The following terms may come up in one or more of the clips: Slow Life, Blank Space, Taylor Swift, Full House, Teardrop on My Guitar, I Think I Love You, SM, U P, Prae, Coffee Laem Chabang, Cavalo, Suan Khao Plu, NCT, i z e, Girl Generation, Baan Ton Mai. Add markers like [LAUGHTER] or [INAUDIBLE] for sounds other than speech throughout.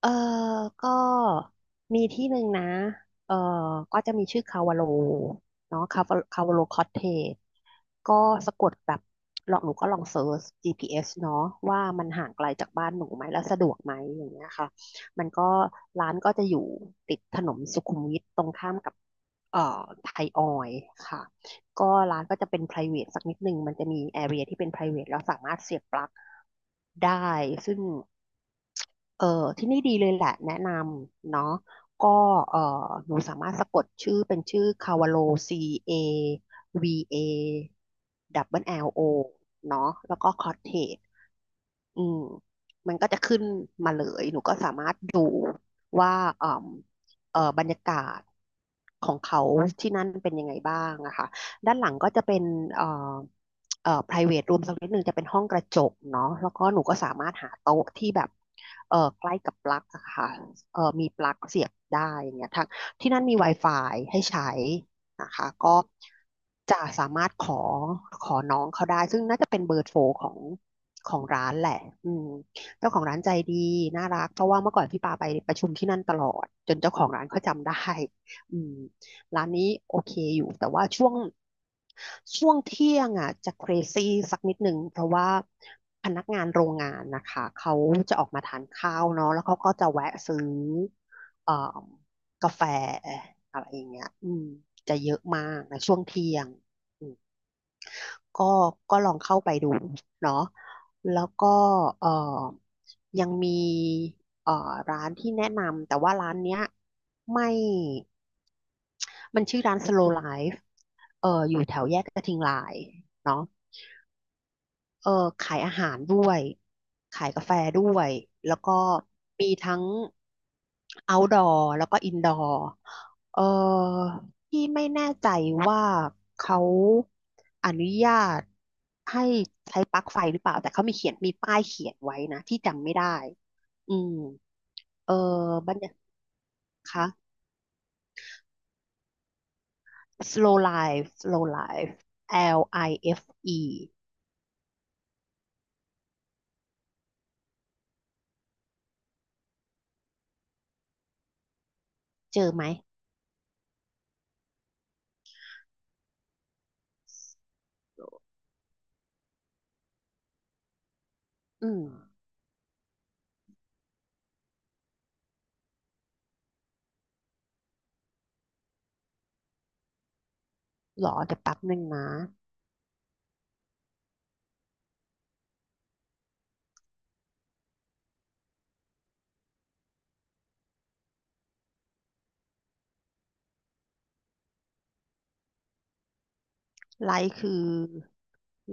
เออก็มีที่หนึ่งนะเออก็จะมีชื่อคาวาโลเนาะคาวาโลคอตเทจก็สะกดแบบลองหนูก็ลองเซิร์ช GPS เอสเนาะว่ามันห่างไกลจากบ้านหนูไหมแล้วสะดวกไหมอย่างเงี้ยค่ะมันก็ร้านก็จะอยู่ติดถนนสุขุมวิทตรงข้ามกับเอ่อไทยออยล์ค่ะก็ร้านก็จะเป็น private สักนิดหนึ่งมันจะมี area ที่เป็น private แล้วสามารถเสียบปลั๊กได้ซึ่ง เออที่นี่ดีเลยแหละแนะนำเนาะก็เออหนูสามารถสะกดชื่อเป็นชื่อคาวาโล C A V A บเบิลแ l ลโ O เนาะแล้วก็คอ t เทจ อืมมันก็จะขึ้นมาเลยหนูก็สามารถดูว่าเอ่อบรรยากาศของเขาที่นั่นเป็นยังไงบ้างนะคะด้านหลังก็จะเป็นเอ่อprivate room สักนิดหนึ่งจะเป็นห้องกระจกเนาะแล้วก็หนูก็สามารถหาโต๊ะที่แบบใกล้กับปลั๊กอะค่ะมีปลั๊กเสียบได้อย่างเงี้ยทั้งที่นั่นมี Wi-Fi ให้ใช้นะคะก็จะสามารถขอน้องเขาได้ซึ่งน่าจะเป็นเบอร์โทรของร้านแหละอืมเจ้าของร้านใจดีน่ารัก เพราะว่าเมื่อก่อนพี่ปาไปประชุมที่นั่นตลอดจนเจ้าของร้านเขาจำได้อืมร้านนี้โอเคอยู่แต่ว่าช่วงเที่ยงอ่ะจะเครซี่สักนิดหนึ่งเพราะว่าพนักงานโรงงานนะคะเขาจะออกมาทานข้าวเนาะแล้วเขาก็จะแวะซื้อเอ่อกาแฟอะไรอย่างเงี้ยจะเยอะมากในช่วงเที่ยง ก็ก็ลองเข้าไปดูเนาะแล้วก็เอ่อยังมีเอ่อร้านที่แนะนำแต่ว่าร้านเนี้ยไม่มันชื่อร้าน Slow Life อยู่แถวแยกกระทิงลายเนาะ เออขายอาหารด้วยขายกาแฟด้วยแล้วก็มีทั้ง outdoor แล้วก็ indoor เออที่ไม่แน่ใจว่าเขาอนุญาตให้ใช้ปลั๊กไฟหรือเปล่าแต่เขามีเขียนมีป้ายเขียนไว้นะที่จำไม่ได้อืมเออบรรยากาศคะ slow life slow life L I F E เจอไหมอืมหรอเดี๋ยวแป๊บหนึ่งนะไลค์คือ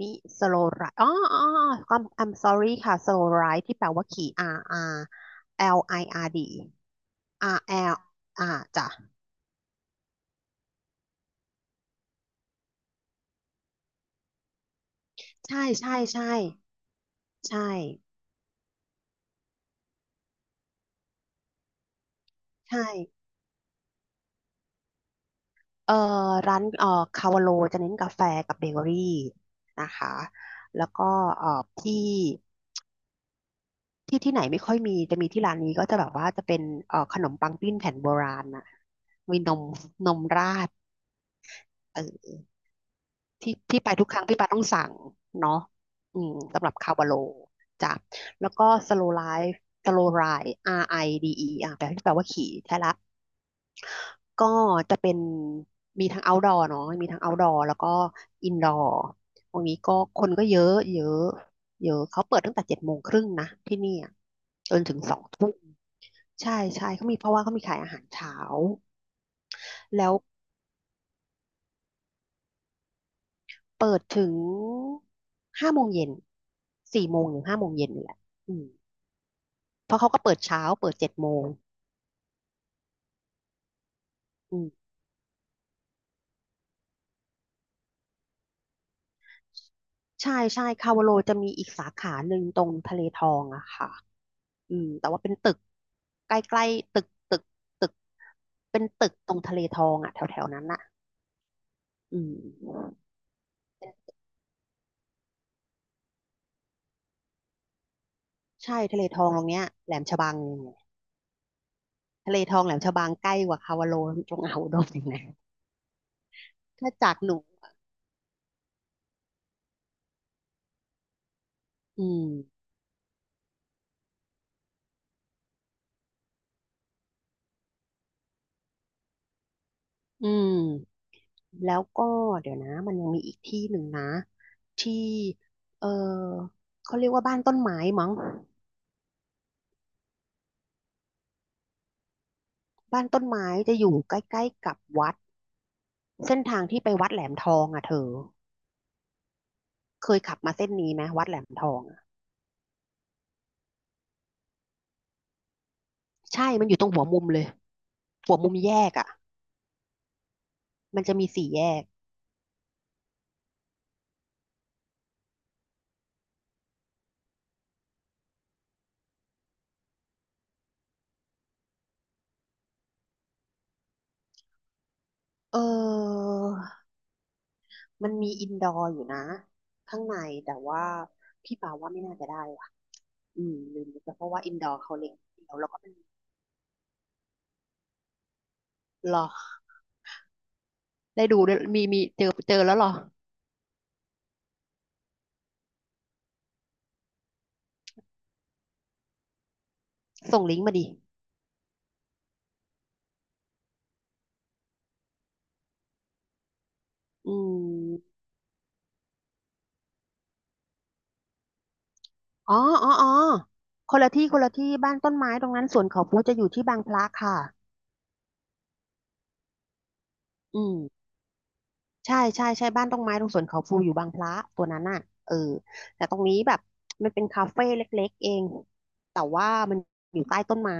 มิสโลไรอ๋อ อ๋ออ๋อ I'm sorry ค่ะ slow ride ที่แปลว่าขี่ R R L I R D R L อ่าจ้ะใช่ใช่ใช่ใช่ใช่เอ่อร้านคาวาโลจะเน้นกาแฟกับเบเกอรี่นะคะแล้วก็เอ่อที่ที่ไหนไม่ค่อยมีจะมีที่ร้านนี้ก็จะแบบว่าจะเป็นขนมปังปิ้งแผ่นโบราณนะมีนมราด ที่ที่ไปทุกครั้งพี่ปาต้องสั่งเนาะสำหรับคาวบาโลจ้ะแล้วก็สโลไลฟ์สโลไร R I D E อดีอีอ่ะแปลที่แปลว่าขี่ใช่ละก็จะเป็นมีทั้ง outdoor เนาะมีทั้ง outdoor แล้วก็ indoor ตรงนี้ก็คนก็เยอะเยอะเยอะเขาเปิดตั้งแต่7:30นะที่เนี่ยจนถึง20:00ใช่ใช่เขามีเพราะว่าเขามีขายอาหารเช้าแล้วเปิดถึงห้าโมงเย็น16:00-17:00นี่แหละอืม เพราะเขาก็เปิดเช้าเปิดเจ็ดโมงอืมใช่ใช่คาวาโลจะมีอีกสาขาหนึ่งตรงทะเลทองอะค่ะอืมแต่ว่าเป็นตึกใกล้ๆตึก เป็นตึกตรงทะเลทองอะแถวๆนั้นอะอืมใช่ทะเลทองตรงเนี้ยแหลมฉบัง ทะเลทองแหลมฉบังใกล้กว่าคาวาโลจงเอาอุดมอีกนะถ้าจากหนูอืมอืมแล้วก็เดี๋ยวนะมันยังมีอีกที่หนึ่งนะที่เออเขาเรียกว่าบ้านต้นไม้มั้ง บ้านต้นไม้จะอยู่ใกล้ๆกับวัดเส้นทางที่ไปวัดแหลมทองอ่ะเธอเคยขับมาเส้นนี้ไหมวัดแหลมทองอะใช่มันอยู่ตรงหัวมุมเลยหัวมุมแยกอ่ะมันจะมีสี่แยกเออมันมีอินดอร์อยู่นะข้างในแต่ว่าพี่ปาว่าไม่น่าจะได้ว่ะอืมลืมไปเพราะว่าอินดอร์เขาเล็กเดียวแล้วก็เป็นหรอได้ดูด้วยมีเจอแล้วเหรอส่งลิงก์มาดิอืม อ๋ออ๋ออ๋อ คนละที่ คนละที่ บ้านต้นไม้ตรงนั้นสวนเขาพลูจะอยู่ที่บางพระค่ะอืม ใช่ใช่ใช่บ้านตรงไม้ตรงสวนเขาพลูอยู่บางพระตัวนั้นน่ะเออแต่ตรงนี้แบบมันเป็นคาเฟ่เล็กๆเองแต่ว่ามันอยู่ใต้ต้นไม้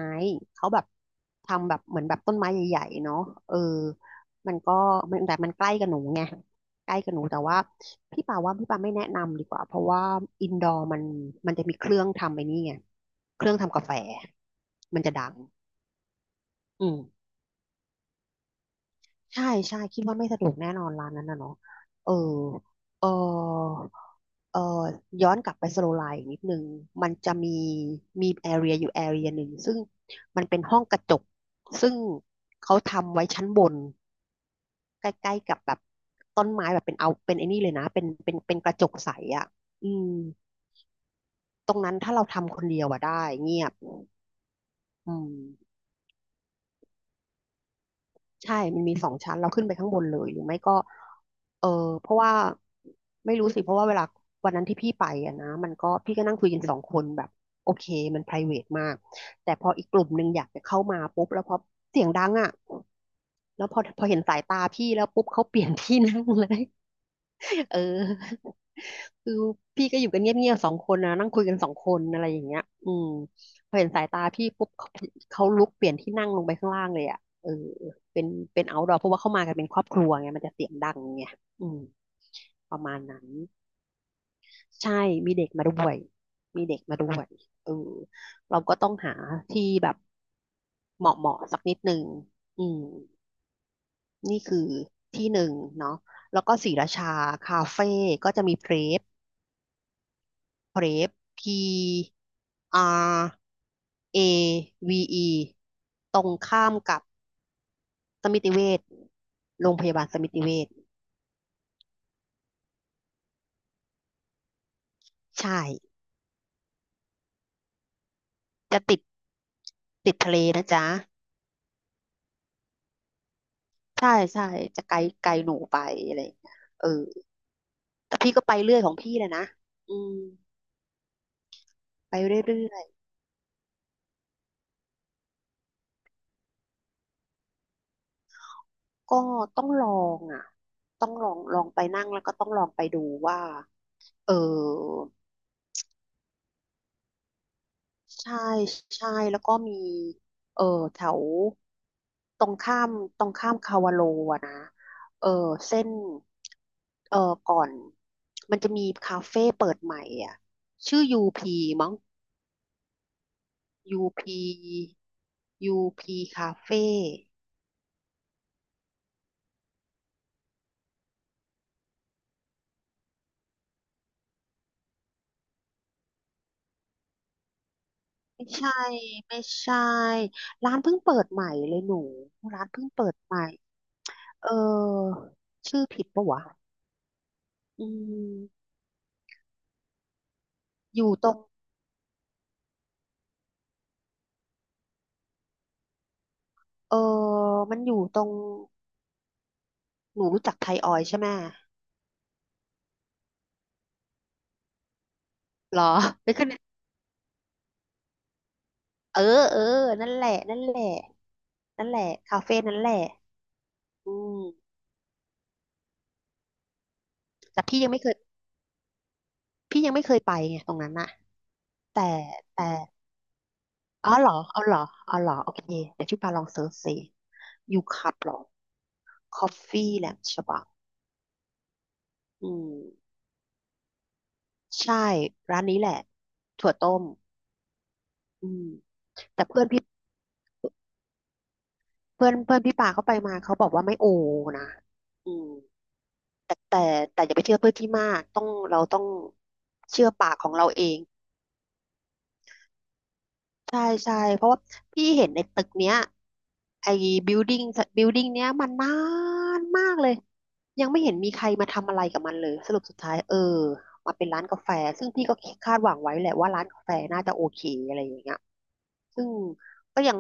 เขาแบบทำแบบเหมือนแบบต้นไม้ใหญ่ๆเนาะเออมันก็มันแต่มันใกล้กับหนูไงใกล้กับหนูแต่ว่าพี่ป่าไม่แนะนำดีกว่าเพราะว่าอินดอร์มันจะมีเครื่องทำไอ้นี่ไงเครื่องทำกาแฟมันจะดังอืมใช่ใช่คิดว่าไม่สะดวกแน่นอนร้านนั้นนะเนาะเออเออ เอ่อย้อนกลับไปสโลไลน์นิดนึงมันจะมีแอเรียอยู่แอเรียหนึ่งซึ่งมันเป็นห้องกระจกซึ่งเขาทำไว้ชั้นบนใกล้ๆกับแบบต้นไม้แบบเป็นเอาเป็นไอ้นี่เลยนะเป็นกระจกใสอ่ะอืมตรงนั้นถ้าเราทำคนเดียวอะได้เงียบอืม ใช่มันมีสองชั้นเราขึ้นไปข้างบนเลยหรือไม่ก็เออเพราะว่าไม่รู้สิเพราะว่าเวลาวันนั้นที่พี่ไปอะนะมันก็พี่ก็นั่งคุยกันสองคนแบบโอเคมัน private มากแต่พออีกกลุ่มหนึ่งอยากจะเข้ามาปุ๊บ แล้วพอเสียงดังอะแล้วพอพอเห็นสายตาพี่แล้วปุ๊บเขาเปลี่ยนที่นั่งเลย เออ [LAUGHS] คือพี่ก็อยู่กันเงียบๆสองคนนะนั่งคุยกันสองคนอะไรอย่างเงี้ยอืมพอเห็นสายตาพี่ปุ๊บเขาเขาลุกเปลี่ยนที่นั่งลงไปข้างล่างเลยอ่ะเออเป็นเป็นเอาท์ดอร์เพราะว่าเข้ามากันเป็นครอบครัวไงมันจะเสียงดังไงอืมประมาณนั้นใช่มีเด็กมาด้วยมีเด็กมาด้วยเออเราก็ต้องหาที่แบบเหมาะเหมาะสักนิดหนึ่งอืมนี่คือที่หนึ่งเนาะแล้วก็ศรีราชาคาเฟ่ก็จะมีเพลฟ Prep PRAVE ตรงข้ามกับสมิติเวชโรงพยาบาลสมิติเวชใช่จะติดติดทะเลนะจ๊ะใช่ใช่จะไกลไกลหนูไปอะไรอย่างเงี้ยเออแต่พี่ก็ไปเรื่อยของพี่เลยนะอืมไปเรื่อยๆก็ต้องลองอ่ะต้องลองลองไปนั่งแล้วก็ต้องลองไปดูว่าเออ ใช่ใช่ แล้วก็มีเออแถวตรงข้ามตรงข้ามคาวาโลอะนะ เออเส้นเออก่อน มันจะมีคาเฟ่เปิดใหม่อ่ะชื่อยูพีมั้งยูพียูพีคาเฟ่ไม่ใช่ ไม่ใช่ ร้านเพิ่งเปิดใหม่เลยหนู ร้านเพิ่งเปิดใหม่ เออ ชื่อผิดปะวะ อืมอยู่ตรงเออมันอยู่ตรง หนูรู้จักไทยออยล์ใช่ไหมหรอเออเออนั่นแหละนั่นแหละนั่นแหละคาเฟ่นั่นแหละอืมแต่พี่ยังไม่เคยพี่ยังไม่เคยไปไงตรงนั้นน่ะแต่แต่อ๋อเหรอเอาเหรอเอาเหรอโอเคเดี๋ยวพี่ปาลองเซิร์ชสิยูคับหรอคอฟฟี่แหลมฉบังอืมใช่ร้านนี้แหละถั่วต้มอืมแต่เพื่อนพี่ปาเขาไปมาเขาบอกว่าไม่โอนะอืม แต่แต่แต่อย่าไปเชื่อเพื่อนที่มากต้องเราต้องเชื่อปากของเราเองใช่ใช่เพราะว่าพี่เห็นในตึกเนี้ยไอ้บิวดิ้งบิ l ดิ้งเนี้ยมันนานมากเลยยังไม่เห็นมีใครมาทำอะไรกับมันเลยสรุปสุดท้ายเออมาเป็นร้านกาแฟซึ่งพี่ก็คาดหวังไว้แหละว่าร้านกาแฟน่าจะโอเคอะไรอย่างเงี้ยซึ่งก็ยัง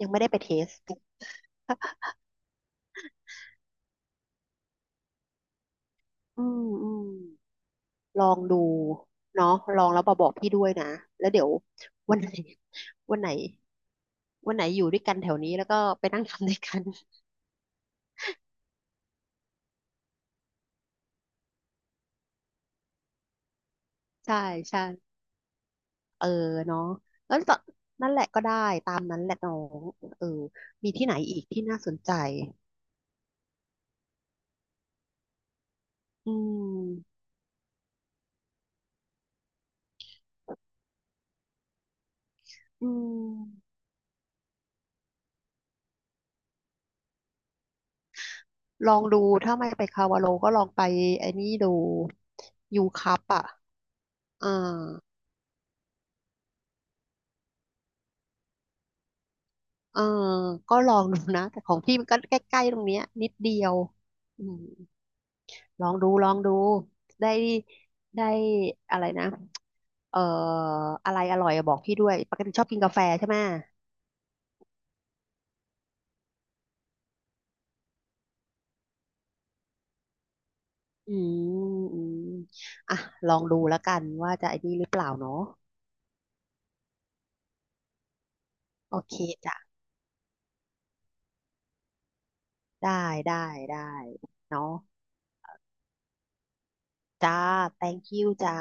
ยังไม่ได้ไปเทส [LAUGHS] อืมอืม ลองดูเนาะลองแล้วมาบอกพี่ด้วยนะแล้วเดี๋ยววันไหนวันไหนวันไหนอยู่ด้วยกันแถวนี้แล้วก็ไปนั่งทำด้วยกัน [LAUGHS] ใช่ใช่เออเนาะแล้วตอนนั่นแหละก็ได้ตามนั้นแหละน้องเออมีที่ไหนอีกที่น่าสนใจอืมอืมลองดูถ้าไม่ไปคาวาโลก็ลองไปไอ้นี่ดูยูคัพอ่ะอ่าเอ่าก็ลองดูนะแต่ของพี่มันก็ใกล้ๆตรงเนี้ยนิดเดียวอืม ลองดูลองดูได้ได้อะไรนะเอ่ออะไรอร่อยอะบอกพี่ด้วยปกติชอบกินกาแฟใช่ไหมอืมอืมอ่ะลองดูแล้วกันว่าจะไอ้นี่หรือเปล่าเนาะโอเคจ้ะได้ได้ได้เนาะจ้า thank you จ้า